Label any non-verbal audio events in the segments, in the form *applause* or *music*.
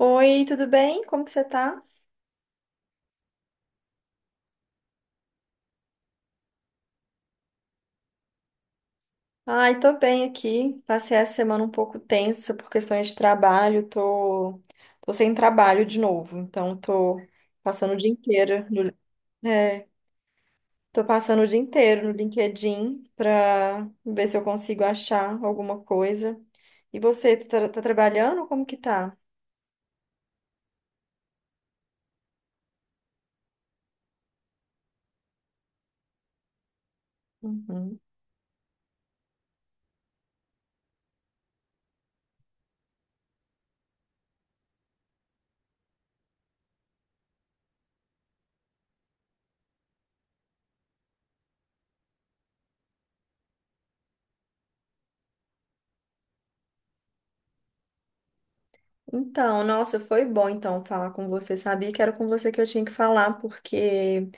Oi, tudo bem? Como que você tá? Ai, tô bem aqui. Passei a semana um pouco tensa por questões de trabalho. Tô sem trabalho de novo, então tô passando o dia inteiro no... é, tô passando o dia inteiro no LinkedIn pra ver se eu consigo achar alguma coisa. E você, tá trabalhando? Como que tá? Uhum. Então, nossa, foi bom então falar com você. Sabia que era com você que eu tinha que falar, porque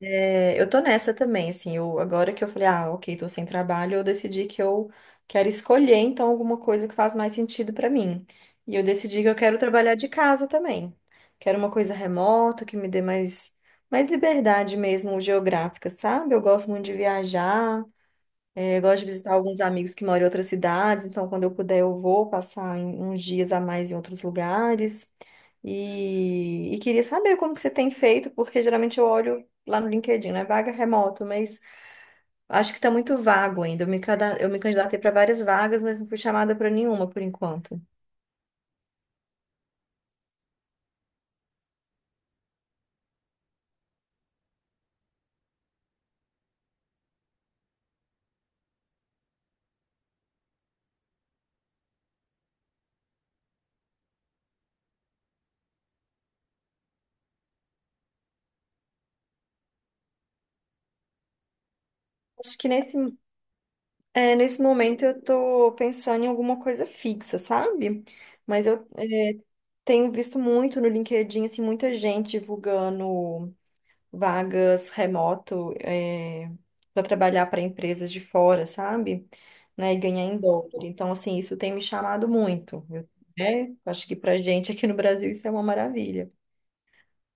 é, eu tô nessa também, assim, eu, agora que eu falei, ah, ok, tô sem trabalho, eu decidi que eu quero escolher, então, alguma coisa que faz mais sentido pra mim. E eu decidi que eu quero trabalhar de casa também. Quero uma coisa remota, que me dê mais, mais liberdade mesmo geográfica, sabe? Eu gosto muito de viajar, eu gosto de visitar alguns amigos que moram em outras cidades, então quando eu puder eu vou uns dias a mais em outros lugares. E queria saber como que você tem feito, porque geralmente eu olho lá no LinkedIn, né? Vaga remoto, mas acho que está muito vago ainda. Eu me candidatei para várias vagas, mas não fui chamada para nenhuma por enquanto. Acho que nesse, é, nesse momento eu tô pensando em alguma coisa fixa, sabe? Mas eu tenho visto muito no LinkedIn, assim, muita gente divulgando vagas remoto para trabalhar para empresas de fora, sabe? Né, e ganhar em dólar. Então, assim, isso tem me chamado muito. Eu, né? Acho que para gente aqui no Brasil isso é uma maravilha.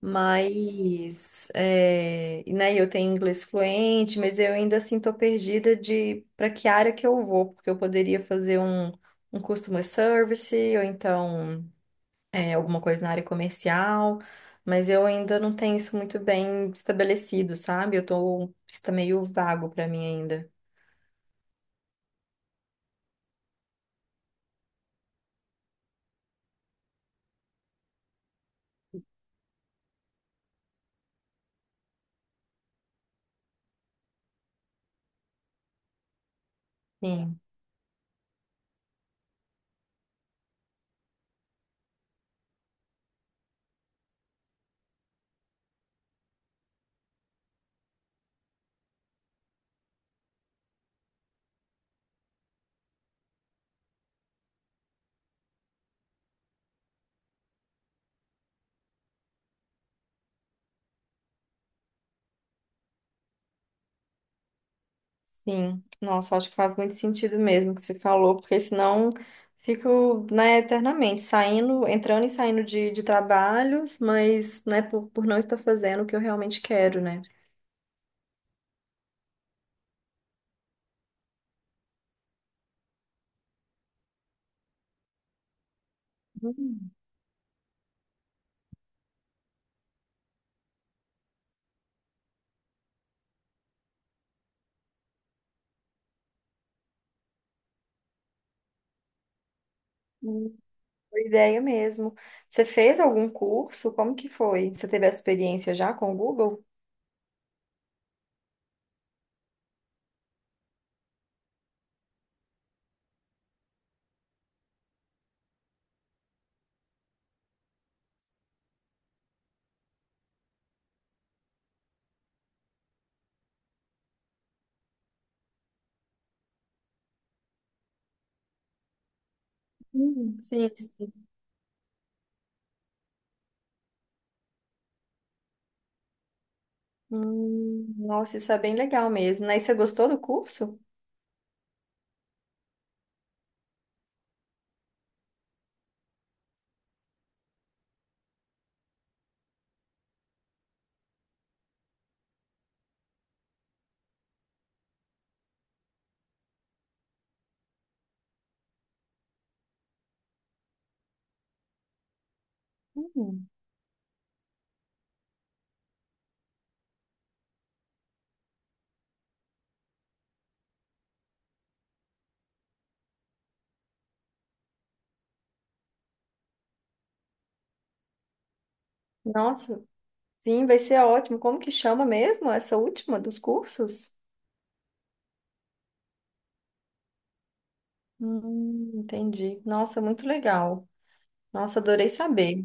Mas, é, e, né, eu tenho inglês fluente, mas eu ainda assim tô perdida de para que área que eu vou, porque eu poderia fazer um customer service, ou então é, alguma coisa na área comercial, mas eu ainda não tenho isso muito bem estabelecido, sabe? Eu tô, isso tá meio vago pra mim ainda. Sim. Sim. Nossa, acho que faz muito sentido mesmo o que você falou, porque senão fico, né, eternamente saindo, entrando e saindo de trabalhos, mas, né, por não estar fazendo o que eu realmente quero, né? Hum, hum, boa ideia mesmo. Você fez algum curso? Como que foi? Você teve essa experiência já com o Google? Hum. Sim, sim. Nossa, isso é bem legal mesmo, né? E você gostou do curso? Hum, nossa, sim, vai ser ótimo. Como que chama mesmo essa última dos cursos? Entendi. Nossa, muito legal. Nossa, adorei saber.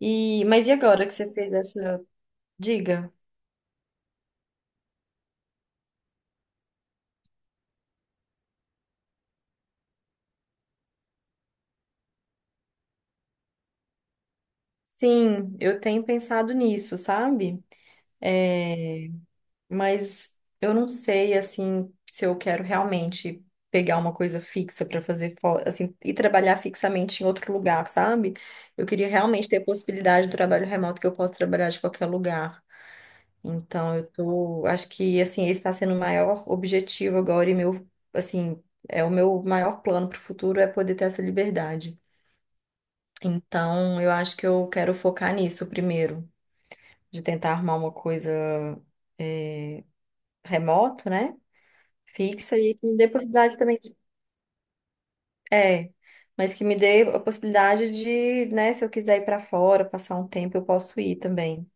E, mas e agora que você fez essa diga? Sim, eu tenho pensado nisso, sabe? Mas eu não sei assim se eu quero realmente pegar uma coisa fixa para assim e trabalhar fixamente em outro lugar, sabe? Eu queria realmente ter a possibilidade do trabalho remoto que eu posso trabalhar de qualquer lugar. Então eu tô, acho que assim esse está sendo o maior objetivo agora e meu assim é o meu maior plano para o futuro é poder ter essa liberdade. Então eu acho que eu quero focar nisso primeiro, de tentar arrumar uma coisa é, remoto, né? Fixa e que me dê possibilidade também de... é, mas que me dê a possibilidade de, né, se eu quiser ir para fora, passar um tempo, eu posso ir também.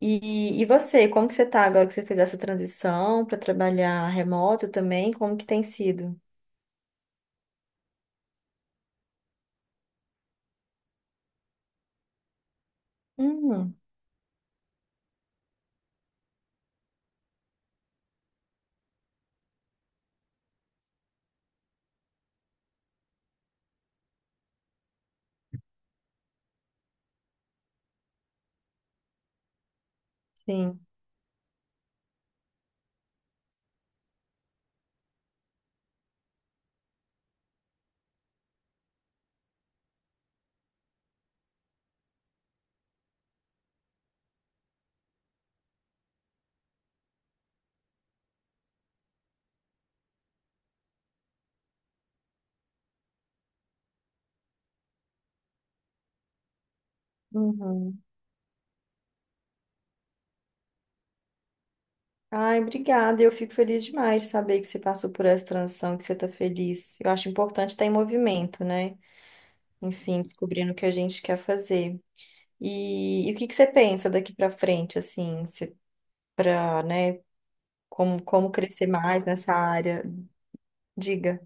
E você, como que você tá agora que você fez essa transição para trabalhar remoto também? Como que tem sido? Hum, sim. Uhum. Ai, obrigada. Eu fico feliz demais de saber que você passou por essa transição, que você tá feliz. Eu acho importante estar em movimento, né? Enfim, descobrindo o que a gente quer fazer. E o que que você pensa daqui para frente, assim? Para, né, como crescer mais nessa área. Diga.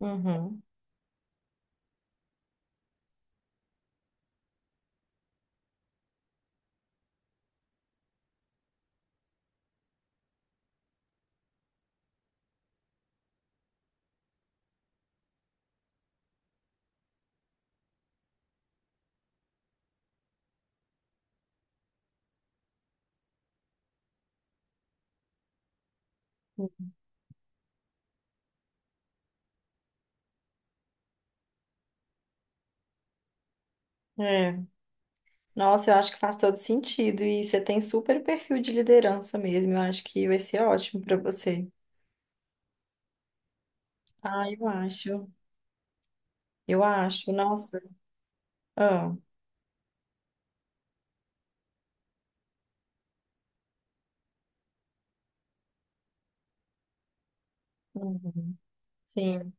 Uhum. É. Nossa, eu acho que faz todo sentido e você tem super perfil de liderança mesmo. Eu acho que vai ser ótimo para você. Ah, eu acho. Eu acho. Nossa. Ah. Uhum. Sim,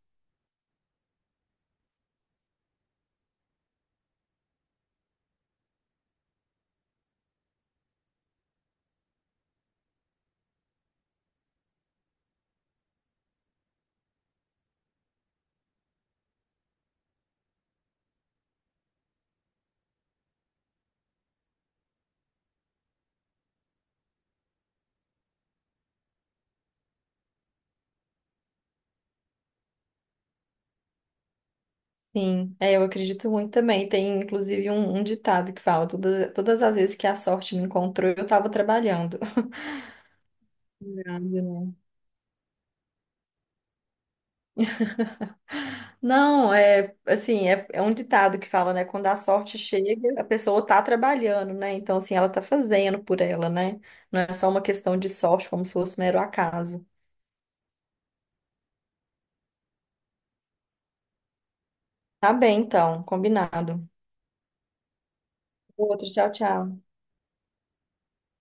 sim. É, eu acredito muito também. Tem inclusive um ditado que fala: todas as vezes que a sorte me encontrou, eu estava trabalhando. *laughs* Não, é assim, é um ditado que fala, né? Quando a sorte chega, a pessoa tá trabalhando, né? Então, assim, ela tá fazendo por ela, né? Não é só uma questão de sorte, como se fosse mero acaso. Tá bem, então, combinado. Outro, tchau, tchau.